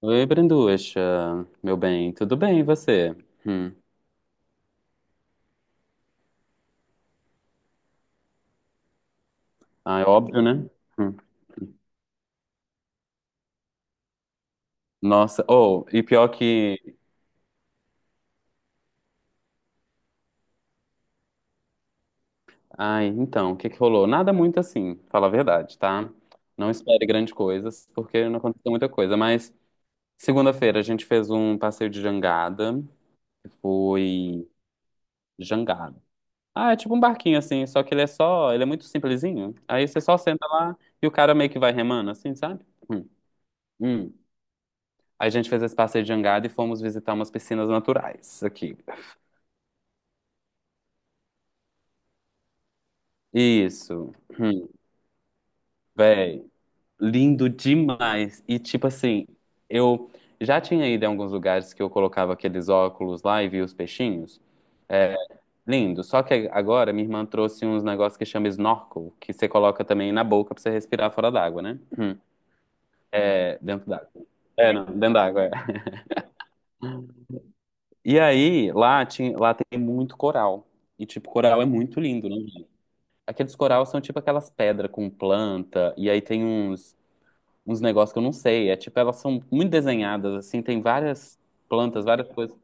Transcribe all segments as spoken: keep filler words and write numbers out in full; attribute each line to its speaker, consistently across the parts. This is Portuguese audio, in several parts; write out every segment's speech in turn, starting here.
Speaker 1: Oi, Branducha, meu bem, tudo bem e você? Hum. Ah, é óbvio, né? Hum. Nossa, ou, e pior que. Ai, então, o que que rolou? Nada muito assim, fala a verdade, tá? Não espere grandes coisas, porque não aconteceu muita coisa, mas segunda-feira a gente fez um passeio de jangada, que foi jangada. Ah, é tipo um barquinho assim, só que ele é só, ele é muito simplesinho. Aí você só senta lá e o cara meio que vai remando, assim, sabe? Hum. Hum. Aí a gente fez esse passeio de jangada e fomos visitar umas piscinas naturais aqui. Isso. Hum, Véi, lindo demais. E tipo assim, eu já tinha ido em alguns lugares que eu colocava aqueles óculos lá e via os peixinhos. É, lindo. Só que agora minha irmã trouxe uns negócios que chama snorkel, que você coloca também na boca pra você respirar fora d'água, né? Hum. É, dentro d'água. É, não, dentro d'água, é. E aí, lá, tinha, lá tem muito coral. E tipo, coral é muito lindo, né? Aqueles coral são tipo aquelas pedras com planta, e aí tem uns, uns negócios que eu não sei. É tipo, elas são muito desenhadas, assim, tem várias plantas, várias coisas.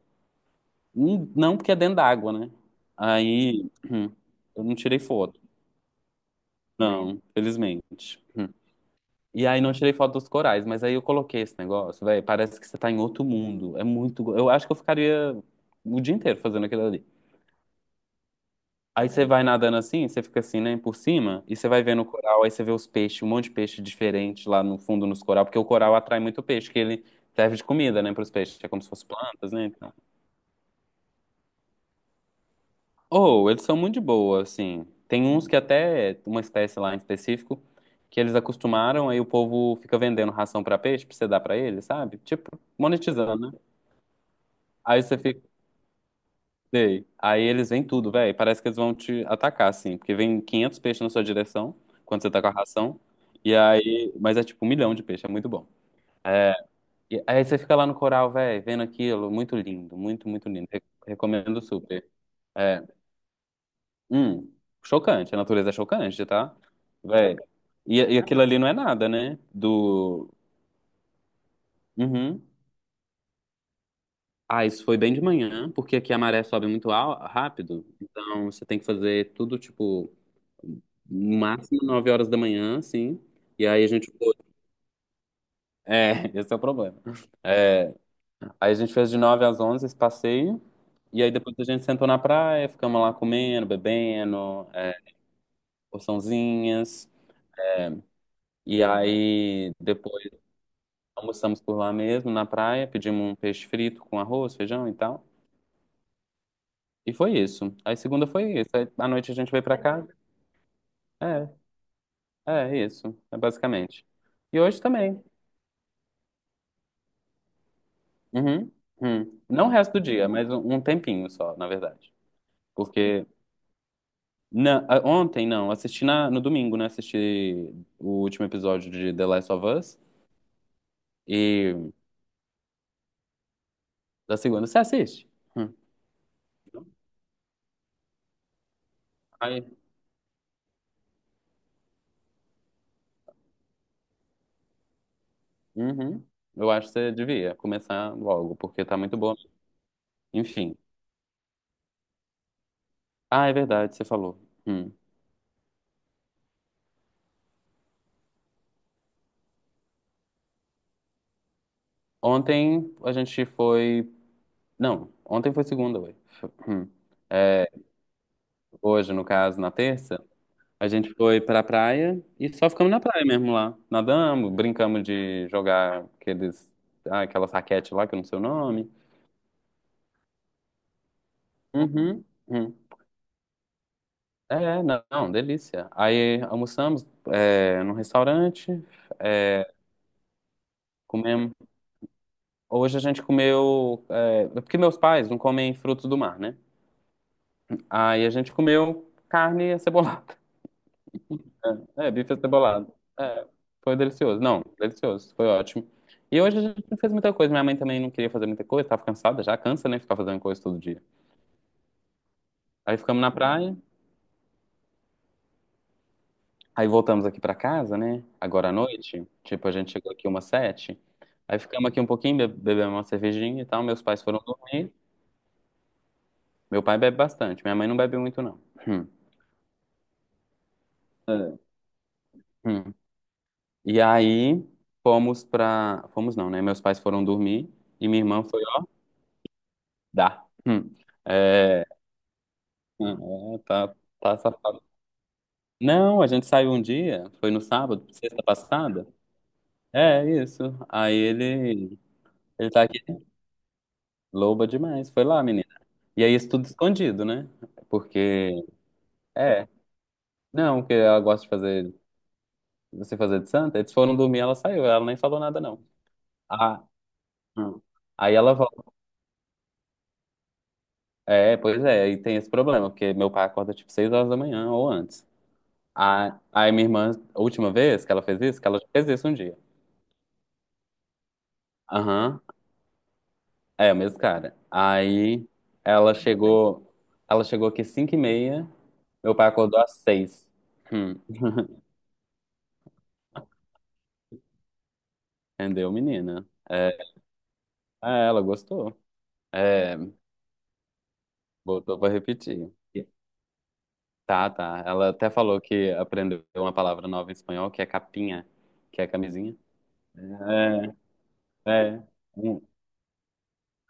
Speaker 1: Hum. Não porque é dentro d'água, né? Aí hum, eu não tirei foto. Não, felizmente. Hum. E aí não tirei foto dos corais, mas aí eu coloquei esse negócio, velho. Parece que você tá em outro mundo. É muito. go- Eu acho que eu ficaria o dia inteiro fazendo aquilo ali. Aí você vai nadando assim, você fica assim, né, por cima, e você vai vendo o coral, aí você vê os peixes, um monte de peixe diferente lá no fundo nos coral, porque o coral atrai muito peixe, que ele serve de comida, né, para os peixes, é como se fossem plantas, né? Então. Ou eles são muito de boa, assim. Tem uns que até uma espécie lá em específico que eles acostumaram, aí o povo fica vendendo ração para peixe, pra você dar para eles sabe? Tipo, monetizando, né? Aí você fica. Sei. Aí eles vêm tudo, velho. Parece que eles vão te atacar, assim. Porque vem quinhentos peixes na sua direção, quando você tá com a ração. E aí. Mas é tipo um milhão de peixes, é muito bom. E aí você fica lá no coral, velho, vendo aquilo. Muito lindo, muito, muito lindo. Re- Recomendo super. É. Hum, Chocante. A natureza é chocante, tá? Velho. E, e aquilo ali não é nada, né? Do. Uhum. Ah, isso foi bem de manhã, porque aqui a maré sobe muito al- rápido. Então você tem que fazer tudo, tipo. No máximo nove horas da manhã, assim. E aí a gente. É, esse é o problema. É, aí a gente fez de nove às onze esse passeio. E aí depois a gente sentou na praia, ficamos lá comendo, bebendo, é, porçãozinhas. E aí depois almoçamos por lá mesmo, na praia, pedimos um peixe frito com arroz, feijão e tal. E foi isso. Aí segunda foi isso. Aí à noite a gente veio pra casa. É, é isso. É basicamente. E hoje também. Uhum, uhum. Não o resto do dia, mas um um tempinho só, na verdade. Porque na- a- ontem, não, assisti na- no domingo, né? Assisti o último episódio de The Last of Us e da segunda. Você assiste? Hum. Aí, uhum. Eu acho que você devia começar logo, porque tá muito boa. Enfim. Ah, é verdade, você falou. Hum. Ontem a gente foi. Não, ontem foi segunda, ué. Hum. É, hoje, no caso, na terça. A gente foi pra praia e só ficamos na praia mesmo lá. Nadamos, brincamos de jogar aqueles, ah, aquela raquete lá, que eu não sei o nome. Uhum, uhum. É, não, não, delícia. Aí almoçamos é, num restaurante, é, comemos. Hoje a gente comeu, é, porque meus pais não comem frutos do mar, né? Aí a gente comeu carne acebolada. É, é, bife acebolado. É, foi delicioso. Não, delicioso. Foi ótimo. E hoje a gente não fez muita coisa. Minha mãe também não queria fazer muita coisa, tava cansada já. Cansa, né? Ficar fazendo coisa todo dia. Aí ficamos na praia. Aí voltamos aqui pra casa, né? Agora à noite. Tipo, a gente chegou aqui umas sete. Aí ficamos aqui um pouquinho, be- bebemos uma cervejinha e tal. Meus pais foram dormir. Meu pai bebe bastante. Minha mãe não bebe muito, não. Hum. É. Hum. E aí fomos pra... Fomos não, né? Meus pais foram dormir. E minha irmã foi... Dá. Hum. É, ah, é, tá, tá safado. Não, a gente saiu um dia, foi no sábado, sexta passada. É, isso. Aí ele, ele tá aqui, loba demais, foi lá, menina. E aí isso tudo escondido, né? Porque, é, não, porque ela gosta de fazer, você fazer de santa, eles foram dormir, ela saiu, ela nem falou nada, não. Ah, hum. Aí ela volta. É, pois é, aí tem esse problema, porque meu pai acorda tipo seis horas da manhã ou antes. A, aí minha irmã, a última vez que ela fez isso, que ela já fez isso um dia. Aham. É, o mesmo cara. Aí ela chegou, ela chegou aqui cinco e meia, meu pai acordou às seis. Hum. Entendeu, menina? É, ah, ela gostou. É, botou pra repetir. Tá, tá. Ela até falou que aprendeu uma palavra nova em espanhol, que é capinha, que é camisinha. É, é, hum,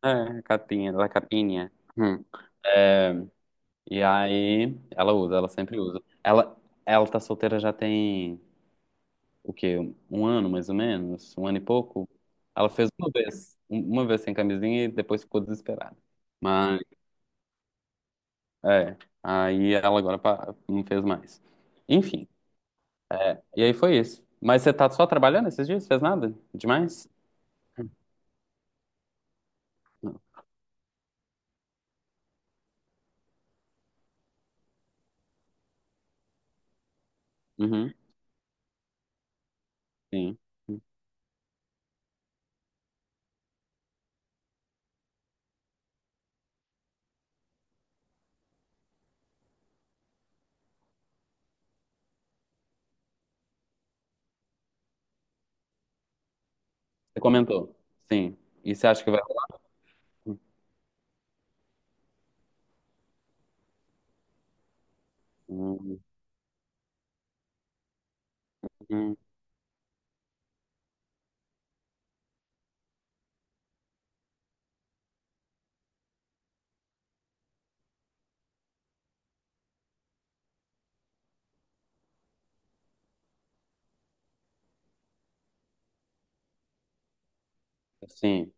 Speaker 1: é, capinha, la capinha. Hum. É, e aí ela usa, ela sempre usa. Ela, ela tá solteira já tem o quê? Um ano, mais ou menos? Um ano e pouco? Ela fez uma vez. um- Uma vez sem camisinha e depois ficou desesperada. Mas, é. Aí ela agora pa- não fez mais. Enfim. E aí foi isso. Mas você tá só trabalhando esses dias? Fez nada? Demais? Não. Uhum, sim. Você comentou. Sim. E você acha que vai. Uhum, sim.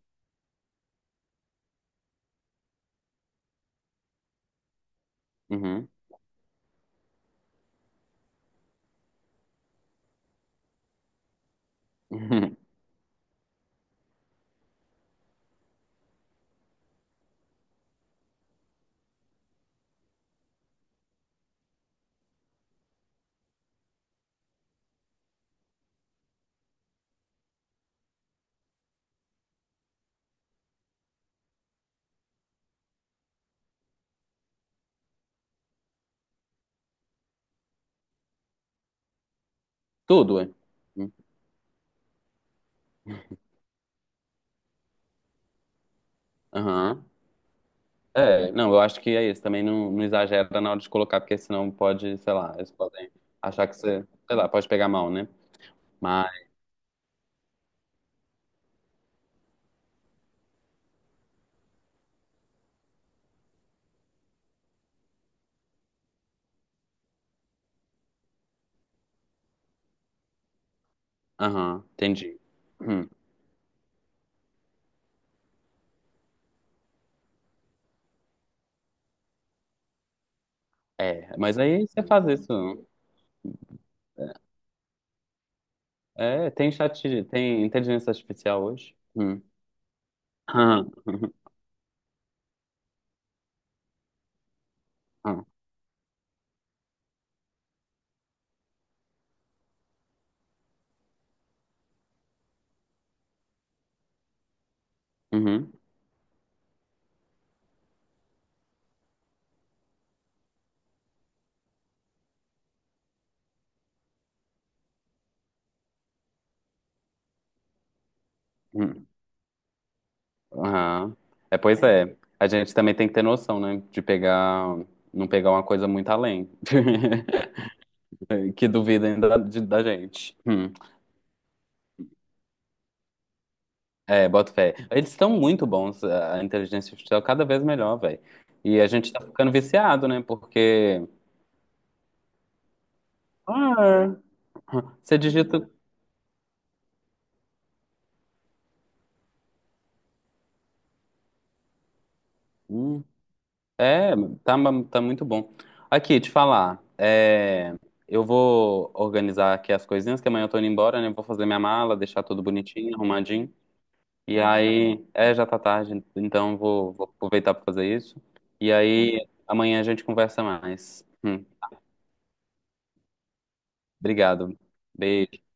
Speaker 1: Uhum. Tudo, é? Uhum. É, não, eu acho que é isso. Também não, não exagera na hora de colocar, porque senão pode, sei lá, eles podem achar que você, sei lá, pode pegar mal, né? Mas, aham, entendi. Hum, É, mas aí você faz isso. É, é, tem chat, tem inteligência artificial hoje? Hum. Aham, uhum, aham, uhum, uhum, aham. É, pois é. A gente também tem que ter noção, né? De pegar, não pegar uma coisa muito além, que duvidem da, de- da gente. Hum. É, boto fé. Eles estão muito bons, a a inteligência artificial cada vez melhor, velho. E a gente tá ficando viciado, né? Porque ah, você digita. Hum, É, tá, ma- tá muito bom. Aqui, te falar. É, eu vou organizar aqui as coisinhas, que amanhã eu tô indo embora, né? Vou fazer minha mala, deixar tudo bonitinho, arrumadinho. E aí, é, já tá tarde, então eu vou, vou aproveitar pra fazer isso. E aí, amanhã a gente conversa mais. Hum, obrigado. Beijo.